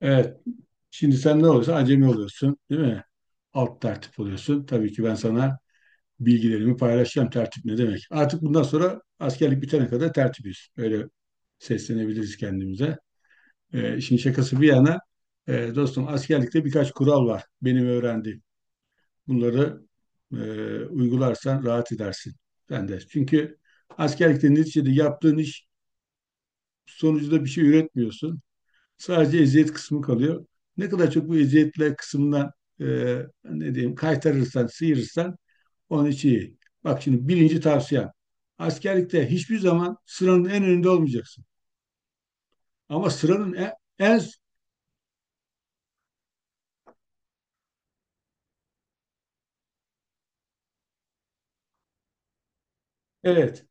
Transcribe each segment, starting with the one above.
Evet. Şimdi sen ne olursa acemi oluyorsun, değil mi? Alt tertip oluyorsun. Tabii ki ben sana bilgilerimi paylaşacağım. Tertip ne demek? Artık bundan sonra askerlik bitene kadar tertibiz. Öyle seslenebiliriz kendimize. İşin şakası bir yana, dostum askerlikte birkaç kural var. Benim öğrendiğim. Bunları e, uygularsan rahat edersin. Sen de. Çünkü askerlikte neticede yaptığın iş sonucunda bir şey üretmiyorsun. Sadece eziyet kısmı kalıyor. Ne kadar çok bu eziyetler kısmından e, ne diyeyim kaytarırsan, sıyırırsan onun için iyi. Bak şimdi birinci tavsiyem. Askerlikte hiçbir zaman sıranın en önünde olmayacaksın. Ama sıranın en evet.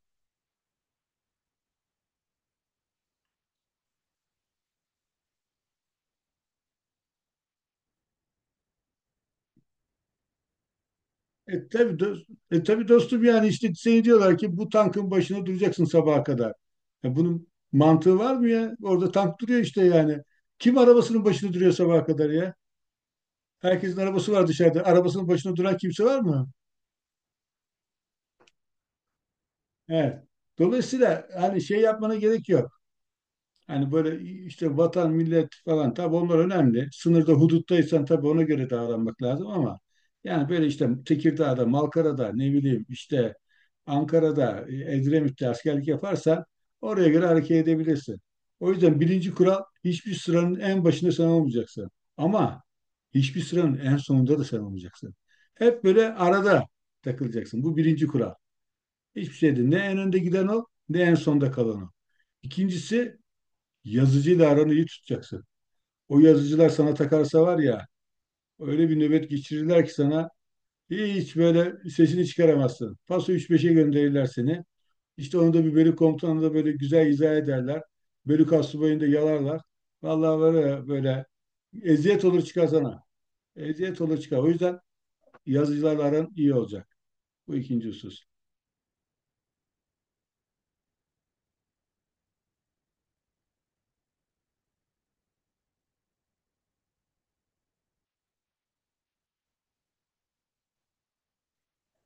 Tabii, dost, tabii dostum yani işte seni diyorlar ki bu tankın başına duracaksın sabaha kadar. Ya bunun mantığı var mı ya? Orada tank duruyor işte yani. Kim arabasının başına duruyor sabaha kadar ya? Herkesin arabası var dışarıda. Arabasının başına duran kimse var mı? Evet. Dolayısıyla hani şey yapmana gerek yok. Hani böyle işte vatan, millet falan tabii onlar önemli. Sınırda, huduttaysan tabii ona göre davranmak lazım ama yani böyle işte Tekirdağ'da, Malkara'da, ne bileyim işte Ankara'da, Edremit'te askerlik yaparsan oraya göre hareket edebilirsin. O yüzden birinci kural hiçbir sıranın en başında sen olmayacaksın. Ama hiçbir sıranın en sonunda da sen olmayacaksın. Hep böyle arada takılacaksın. Bu birinci kural. Hiçbir şey değil. Ne en önde giden o, ne en sonda kalan o. İkincisi yazıcıyla aranı iyi tutacaksın. O yazıcılar sana takarsa var ya, öyle bir nöbet geçirirler ki sana hiç böyle sesini çıkaramazsın. Paso üç beşe gönderirler seni. İşte onu da bir bölük komutanı da böyle güzel izah ederler. Bölük astsubayını da yalarlar. Vallahi böyle eziyet olur çıkar sana. Eziyet olur çıkar. O yüzden yazıcılarla aran iyi olacak. Bu ikinci husus.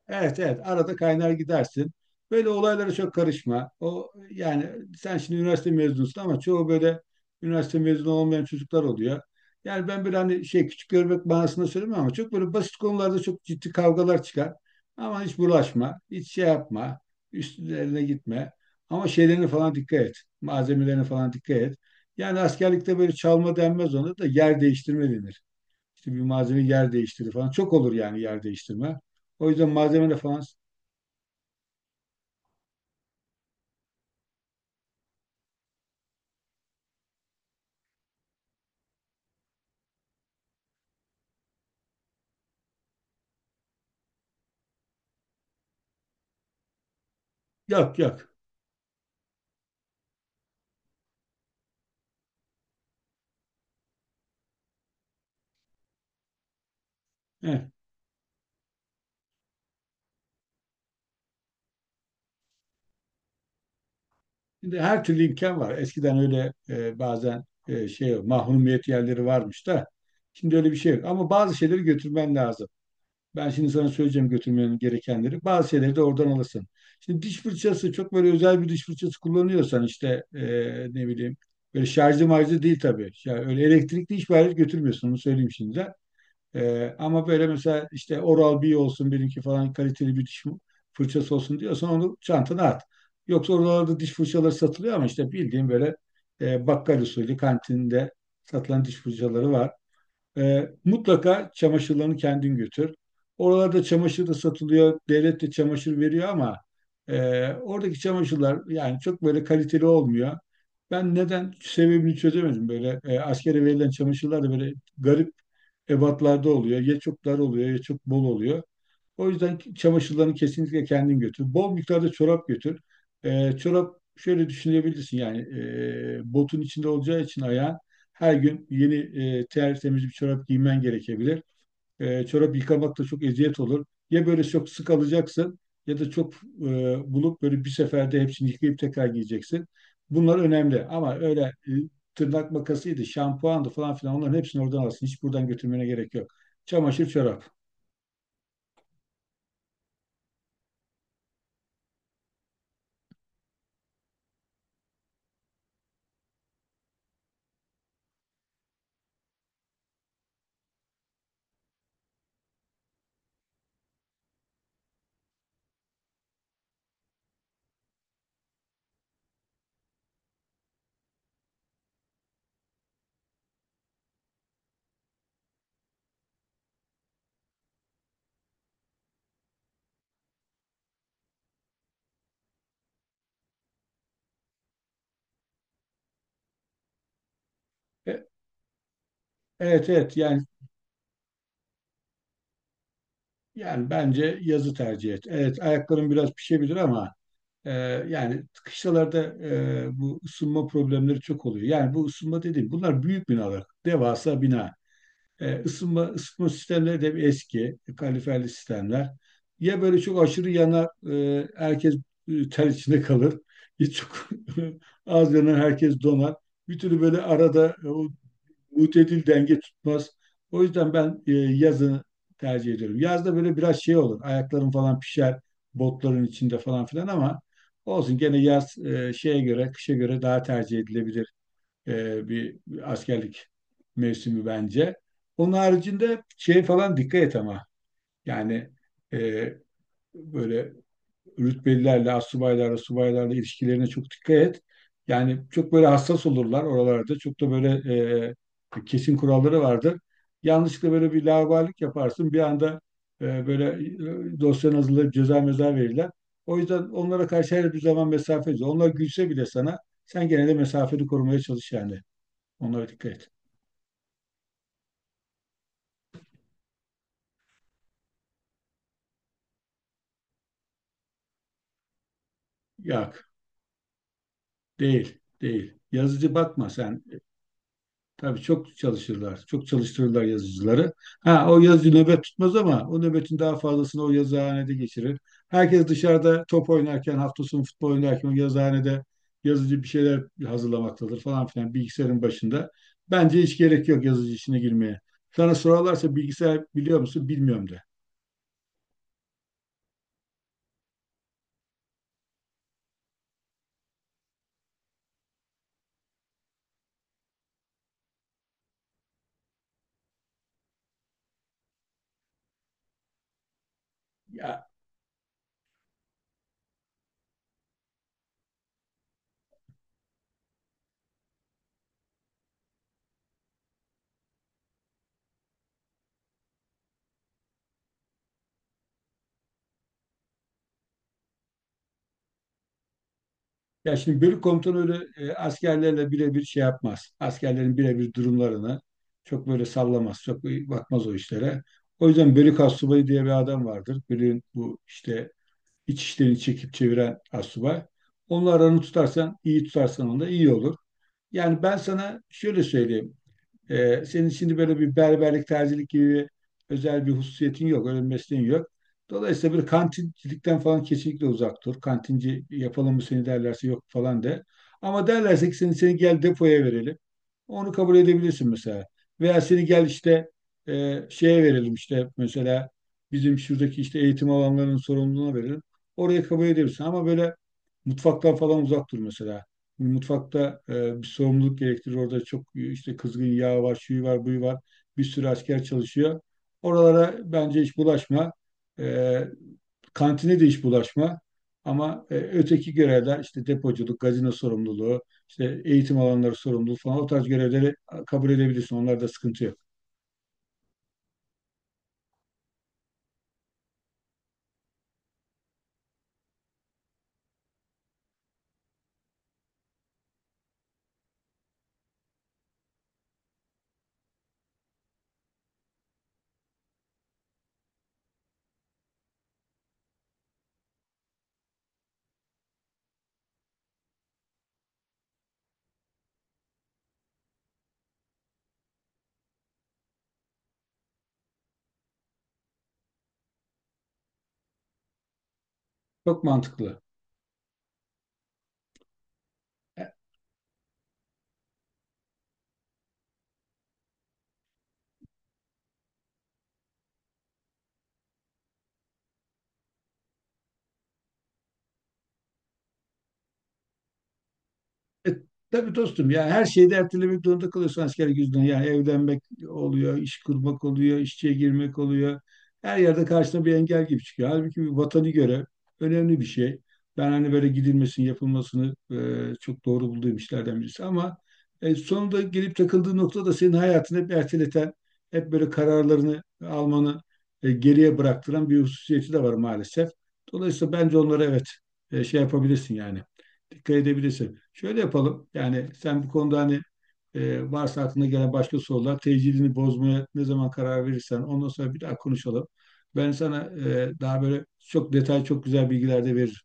Evet, evet, arada kaynar gidersin. Böyle olaylara çok karışma. O yani sen şimdi üniversite mezunusun ama çoğu böyle üniversite mezunu olmayan çocuklar oluyor. Yani ben böyle hani şey küçük görmek manasında söylemiyorum ama çok böyle basit konularda çok ciddi kavgalar çıkar. Ama hiç bulaşma, hiç şey yapma, üstlerine gitme. Ama şeylerine falan dikkat et, malzemelerine falan dikkat et. Yani askerlikte böyle çalma denmez ona da yer değiştirme denir. İşte bir malzeme yer değiştirir falan. Çok olur yani yer değiştirme. O yüzden malzemeyle falan yok, yok. Heh. Şimdi her türlü imkan var. Eskiden öyle bazen şey mahrumiyet yerleri varmış da şimdi öyle bir şey yok. Ama bazı şeyleri götürmen lazım. Ben şimdi sana söyleyeceğim götürmenin gerekenleri. Bazı şeyleri de oradan alırsın. Şimdi diş fırçası çok böyle özel bir diş fırçası kullanıyorsan işte ne bileyim böyle şarjlı marjlı değil tabii. Yani öyle elektrikli hiçbir alet götürmüyorsun onu söyleyeyim şimdi. Ama böyle mesela işte Oral-B olsun benimki falan kaliteli bir diş fırçası olsun diyorsan onu çantana at. Yoksa oralarda diş fırçaları satılıyor ama işte bildiğin böyle bakkal usulü kantinde satılan diş fırçaları var. Mutlaka çamaşırlarını kendin götür. Oralarda çamaşır da satılıyor. Devlet de çamaşır veriyor ama oradaki çamaşırlar yani çok böyle kaliteli olmuyor. Ben neden sebebini çözemedim böyle. Askere verilen çamaşırlar da böyle garip ebatlarda oluyor. Ya çok dar oluyor ya çok bol oluyor. O yüzden çamaşırlarını kesinlikle kendin götür. Bol miktarda çorap götür. Çorap şöyle düşünebilirsin yani botun içinde olacağı için ayağın her gün yeni tertemiz bir çorap giymen gerekebilir. Çorap yıkamak da çok eziyet olur. Ya böyle çok sık alacaksın ya da çok bulup böyle bir seferde hepsini yıkayıp tekrar giyeceksin. Bunlar önemli ama öyle tırnak makasıydı, şampuandı falan filan onların hepsini oradan alsın. Hiç buradan götürmene gerek yok. Çamaşır, çorap. E, Evet, evet, yani yani bence yazı tercih et. Evet ayakların biraz pişebilir ama e, yani kışlalarda bu ısınma problemleri çok oluyor. Yani bu ısınma dediğim bunlar büyük binalar, devasa bina. Isınma ısıtma sistemleri de bir eski, kaloriferli sistemler. Ya böyle çok aşırı yanar, herkes ter içinde kalır. Ya çok az yanar, herkes donar. Bir türlü böyle arada o mutedil denge tutmaz. O yüzden ben yazını tercih ediyorum. Yazda böyle biraz şey olur. Ayaklarım falan pişer botların içinde falan filan ama olsun gene yaz şeye göre, kışa göre daha tercih edilebilir bir askerlik mevsimi bence. Onun haricinde şey falan dikkat et ama yani e, böyle rütbelilerle, astsubaylarla, subaylarla ilişkilerine çok dikkat et. Yani çok böyle hassas olurlar oralarda. Çok da böyle kesin kuralları vardır. Yanlışlıkla böyle bir laubalilik yaparsın. Bir anda böyle dosyanı hazırlayıp ceza meza verirler. O yüzden onlara karşı her bir zaman mesafeli. Onlar gülse bile sana sen gene de mesafeni korumaya çalış yani. Onlara dikkat et. Yok, değil, değil. Yazıcı bakma sen. Tabii çok çalışırlar. Çok çalıştırırlar yazıcıları. Ha o yazıcı nöbet tutmaz ama o nöbetin daha fazlasını o yazıhanede geçirir. Herkes dışarıda top oynarken, hafta sonu futbol oynarken o yazıhanede yazıcı bir şeyler hazırlamaktadır falan filan bilgisayarın başında. Bence hiç gerek yok yazıcı işine girmeye. Sana sorarlarsa bilgisayar biliyor musun? Bilmiyorum de. Ya Ya, şimdi bölük komutanı öyle askerlerle birebir şey yapmaz. Askerlerin birebir durumlarını çok böyle sallamaz. Çok bakmaz o işlere. O yüzden bölük astsubayı diye bir adam vardır. Bölüğün bu işte iç işlerini çekip çeviren astsubay. Onunla aranı tutarsan, iyi tutarsan onda iyi olur. Yani ben sana şöyle söyleyeyim. Senin şimdi böyle bir berberlik, terzilik gibi özel bir hususiyetin yok, öyle bir mesleğin yok. Dolayısıyla bir kantincilikten falan kesinlikle uzak dur. Kantinci yapalım mı seni derlerse yok falan de. Ama derlerse ki seni, gel depoya verelim. Onu kabul edebilirsin mesela. Veya seni gel işte şeye verelim işte mesela bizim şuradaki işte eğitim alanlarının sorumluluğuna verelim. Oraya kabul edebilirsin. Ama böyle mutfaktan falan uzak dur mesela. Mutfakta bir sorumluluk gerektirir. Orada çok işte kızgın yağ var, şuyu var, buyu var. Bir sürü asker çalışıyor. Oralara bence hiç bulaşma. E, Kantine de hiç bulaşma. Ama öteki görevler işte depoculuk, gazino sorumluluğu, işte eğitim alanları sorumluluğu falan o tarz görevleri kabul edebilirsin. Onlarda sıkıntı yok. Çok mantıklı. E, tabii dostum ya her şeyi de ertelemek zorunda kalıyorsun askerlik yüzünden. Yani evlenmek oluyor, iş kurmak oluyor, işçiye girmek oluyor. Her yerde karşına bir engel gibi çıkıyor. Halbuki bir vatanı göre önemli bir şey. Ben hani böyle gidilmesini, yapılmasını çok doğru bulduğum işlerden birisi. Ama sonunda gelip takıldığı nokta da senin hayatını hep erteleten, hep böyle kararlarını almanı geriye bıraktıran bir hususiyeti de var maalesef. Dolayısıyla bence onlara evet şey yapabilirsin yani dikkat edebilirsin. Şöyle yapalım. Yani sen bu konuda hani varsa aklına gelen başka sorular, tecilini bozmaya ne zaman karar verirsen ondan sonra bir daha konuşalım. Ben sana daha böyle çok detay, çok güzel bilgiler de veririm.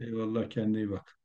Eyvallah kendine iyi bak.